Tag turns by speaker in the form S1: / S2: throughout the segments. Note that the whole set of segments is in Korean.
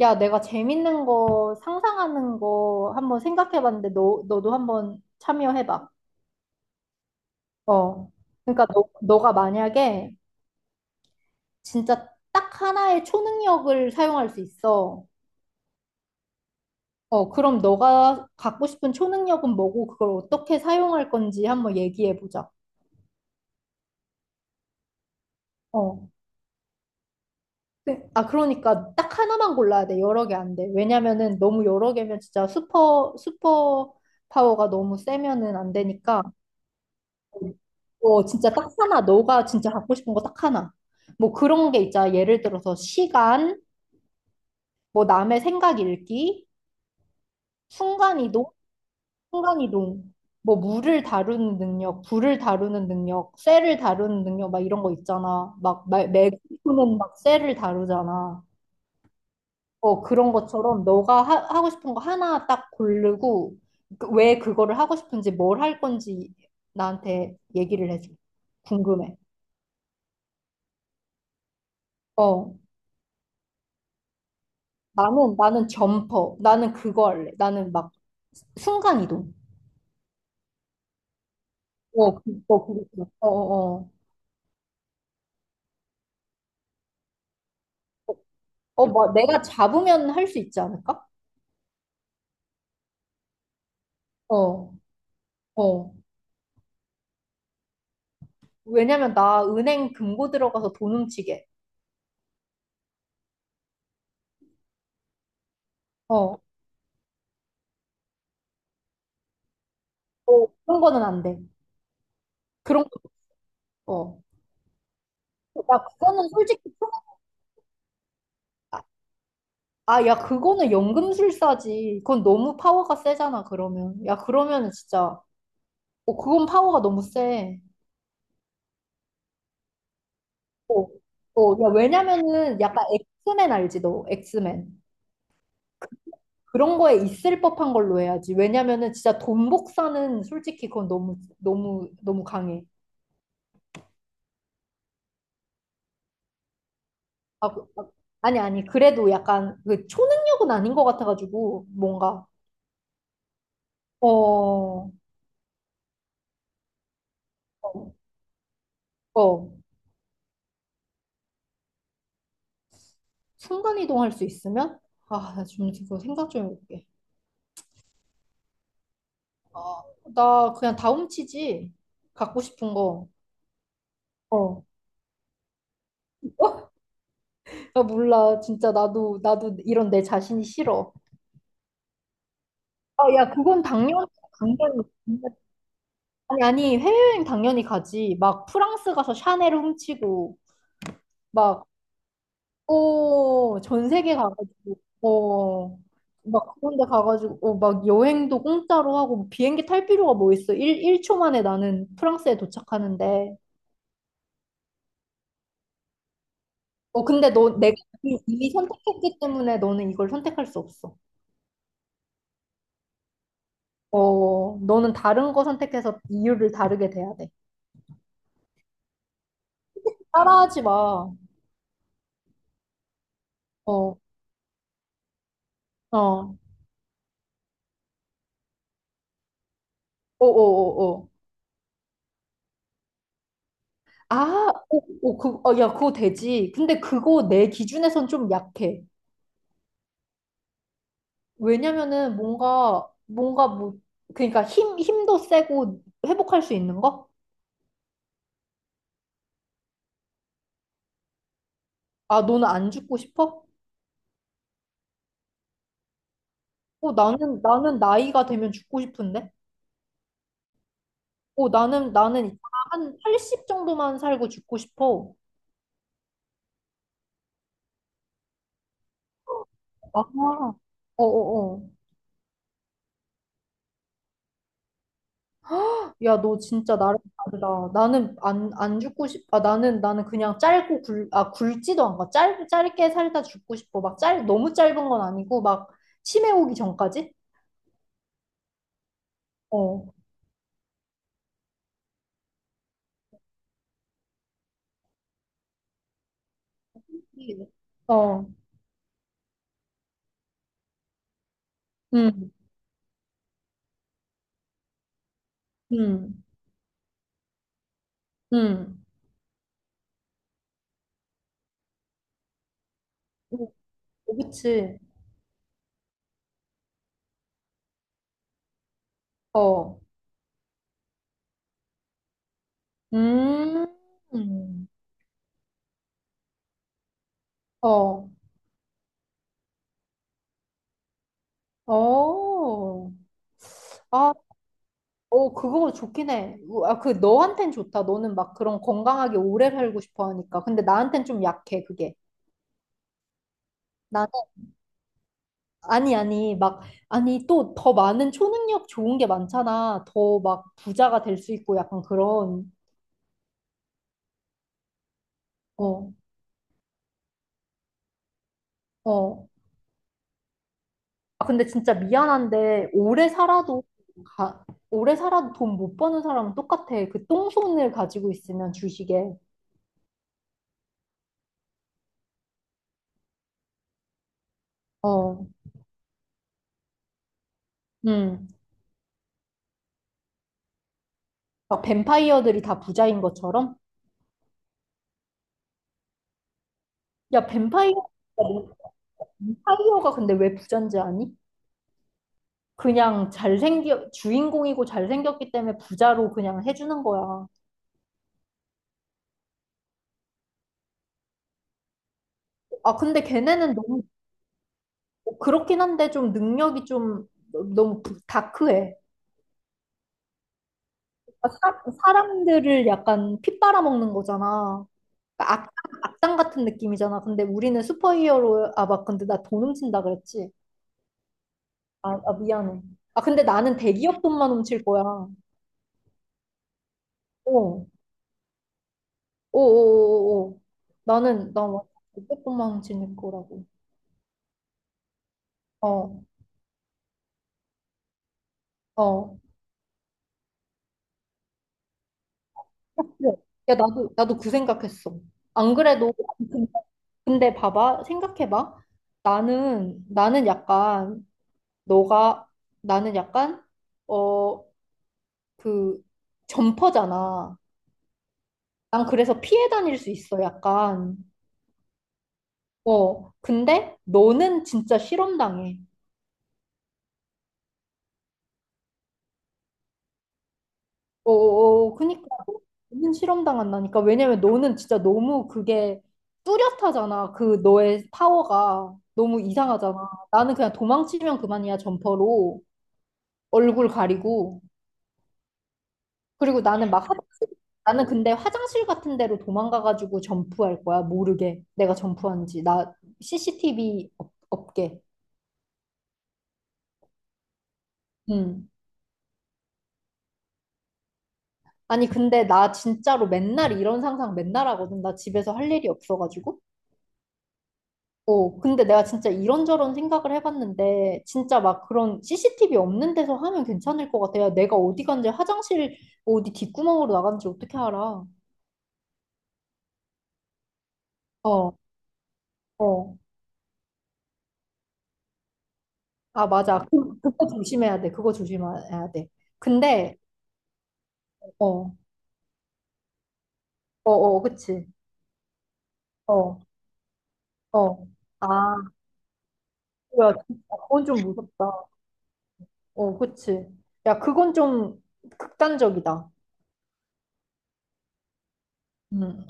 S1: 야, 내가 재밌는 거 상상하는 거 한번 생각해 봤는데 너 너도 한번 참여해 봐. 어. 그러니까 너 너가 만약에 진짜 딱 하나의 초능력을 사용할 수 있어. 어, 그럼 너가 갖고 싶은 초능력은 뭐고 그걸 어떻게 사용할 건지 한번 얘기해 보자. 어. 그러니까 딱 하나만 골라야 돼. 여러 개 안 돼. 왜냐면은 너무 여러 개면 진짜 슈퍼 슈퍼 파워가 너무 세면은 안 되니까. 어, 진짜 딱 하나, 너가 진짜 갖고 싶은 거 딱 하나. 뭐 그런 게 있잖아. 예를 들어서 시간, 뭐 남의 생각 읽기, 순간이동, 순간이동, 뭐 물을 다루는 능력, 불을 다루는 능력, 쇠를 다루는 능력, 막 이런 거 있잖아. 막 매국노는 막 쇠를 다루잖아. 어, 그런 것처럼 너가 하고 싶은 거 하나 딱 고르고 왜 그거를 하고 싶은지 뭘 할 건지 나한테 얘기를 해줘. 궁금해. 어. 나는 점퍼. 나는 그거 할래. 나는 막 순간 이동. 어, 그거. 그거. 어, 어, 어. 어, 뭐 내가 잡으면 할 수 있지 않을까? 어, 어. 왜냐면 나 은행 금고 들어가서 돈 훔치게. 어, 어, 그런 거는 안 돼. 그런 거. 어. 야, 그거는 솔직히 좀- 아, 아, 야, 그거는 연금술사지. 그건 너무 파워가 세잖아, 그러면. 야, 그러면은 진짜, 어, 그건 파워가 너무 세. 어, 어, 야, 왜냐면은 약간 엑스맨 알지, 너? 엑스맨. 그런 거에 있을 법한 걸로 해야지. 왜냐면은 진짜 돈 복사는 솔직히 그건 너무 너무 너무 강해. 아, 그- 아, 아니 아니 그래도 약간 그 초능력은 아닌 것 같아가지고 뭔가 어, 어, 어. 순간 이동할 수 있으면 아, 나 지금 그거 생각 좀 해볼게. 나 그냥 다훔 치지. 갖고 싶은 거. 어. 나 몰라. 진짜 나도 이런 내 자신이 싫어. 아, 야, 그건 당연 당연히 아니, 아니, 해외여행 당연히 가지. 막 프랑스 가서 샤넬 훔치고, 막, 오, 전 세계 가가지고, 어, 막 그런 데 가가지고, 어, 막 여행도 공짜로 하고, 뭐 비행기 탈 필요가 뭐 있어. 일 1초 만에 나는 프랑스에 도착하는데. 어, 근데 너, 내가 이미 선택했기 때문에 너는 이걸 선택할 수 없어. 어, 너는 다른 거 선택해서 이유를 다르게 돼야 돼. 따라하지 마. 어, 어, 어, 어, 어. 아, 오, 오, 그, 어, 야, 그거 되지. 근데 그거 내 기준에선 좀 약해. 왜냐면은 뭔가, 뭔가 뭐, 그러니까 힘도 세고 회복할 수 있는 거? 아, 너는 안 죽고 싶어? 어, 나는 나이가 되면 죽고 싶은데? 어, 나는 한 80 정도만 살고 죽고 싶어. 아, 어어어. 야, 너 진짜 나랑 다르다. 나는 안 죽고 나는 그냥 굵지도 않고, 짧게 살다 죽고 싶어. 막 짧, 너무 짧은 건 아니고, 막, 치매 오기 전까지? 어. 예. 어, 음, 음, 음. 오, 그치. 어, 음, 음. 어, 어. 아, 어, 그거 좋긴 해. 우, 아, 그, 너한텐 좋다. 너는 막 그런 건강하게 오래 살고 싶어 하니까. 근데 나한텐 좀 약해, 그게. 아니, 아니, 막, 아니, 또 더 많은 초능력 좋은 게 많잖아. 더 막 부자가 될 수 있고 약간 그런, 어, 어. 아, 근데 진짜 미안한데, 가, 오래 살아도 돈 못 버는 사람은 똑같아. 그 똥손을 가지고 있으면 주식에. 어, 음. 막 뱀파이어들이 다 부자인 것처럼? 야, 뱀파이어, 뱀파이어가 근데 왜 부자인지 아니? 그냥 잘생겨, 주인공이고 잘생겼기 때문에 부자로 그냥 해주는 거야. 아, 근데 걔네는 너무 그렇긴 한데 좀 능력이 좀 너무 다크해. 아, 사람들을 약간 핏 빨아먹는 거잖아. 그러니까 악, 악당 같은 느낌이잖아. 근데 우리는 슈퍼히어로, 아, 막 근데 나 돈 훔친다 그랬지. 아, 아, 미안해. 아, 근데 나는 대기업 돈만 훔칠 거야. 어, 오오오오. 나는, 나완 대기업 돈만 훔치는 거라고. 어, 어. 야, 나도 그 생각했어. 안 그래도 근데 봐봐, 생각해봐. 나는, 나는 약간, 너가, 나는 약간, 어, 그, 점퍼잖아. 난 그래서 피해 다닐 수 있어, 약간. 어, 근데 너는 진짜 실험당해. 어, 어, 어, 그니까 너는 실험당한다니까. 왜냐면 너는 진짜 너무 그게 뚜렷하잖아. 그 너의 파워가 너무 이상하잖아. 나는 그냥 도망치면 그만이야, 점퍼로. 얼굴 가리고. 그리고 나는 막 화장실, 나는 근데 화장실 같은 데로 도망가가지고 점프할 거야. 모르게. 내가 점프한지. 나 CCTV 없게. 음. 아니, 근데 나 진짜로 맨날 이런 상상 맨날 하거든. 나 집에서 할 일이 없어가지고. 어, 근데 내가 진짜 이런저런 생각을 해봤는데, 진짜 막 그런 CCTV 없는 데서 하면 괜찮을 것 같아요. 내가 어디 간지 화장실 어디 뒷구멍으로 나간지 어떻게 알아? 어, 어. 아, 맞아. 그거 조심해야 돼. 그거 조심해야 돼. 근데 어, 어, 어, 그치. 어, 어. 아, 야, 진짜 그건 좀 무섭다. 어, 그치. 야, 그건 좀 극단적이다. 음.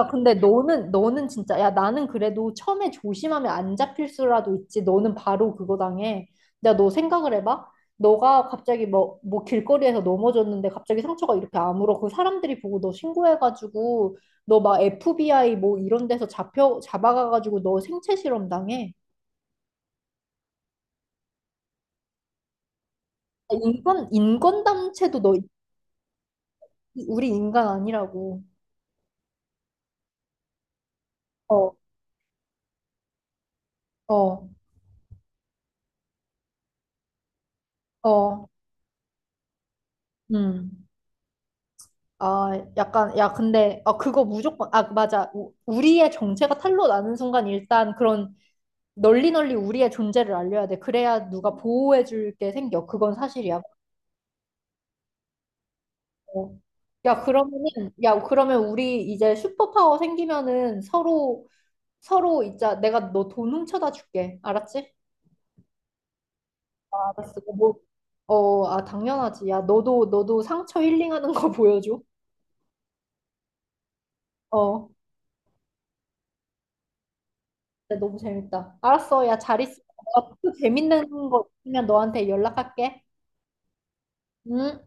S1: 야, 근데 너는 진짜, 야, 나는 그래도 처음에 조심하면 안 잡힐 수라도 있지. 너는 바로 그거 당해. 야, 너 생각을 해봐. 너가 갑자기 뭐 길거리에서 넘어졌는데 갑자기 상처가 이렇게 아물어. 그 사람들이 보고 너 신고해가지고, 너 막 FBI 뭐 이런 데서 잡아가가지고 너 생체 실험 당해. 아, 인권담체도 너, 우리 인간 아니라고. 어, 어, 어, 음. 아, 약간, 야, 근데, 아, 그거 무조건, 아, 맞아. 우리의 정체가 탄로 나는 순간 일단 그런 널리 널리 우리의 존재를 알려야 돼. 그래야 누가 보호해줄 게 생겨. 그건 사실이야. 어. 야, 그러면은, 야, 그러면 우리 이제 슈퍼파워 생기면은 서로, 서로, 있자. 내가 너 돈 훔쳐다 줄게. 알았지? 알았어. 뭐, 어, 아, 당연하지. 야, 너도 상처 힐링하는 거 보여줘. 어. 진짜 너무 재밌다. 알았어. 야, 잘 있어. 어, 또 재밌는 거 있으면 너한테 연락할게. 응?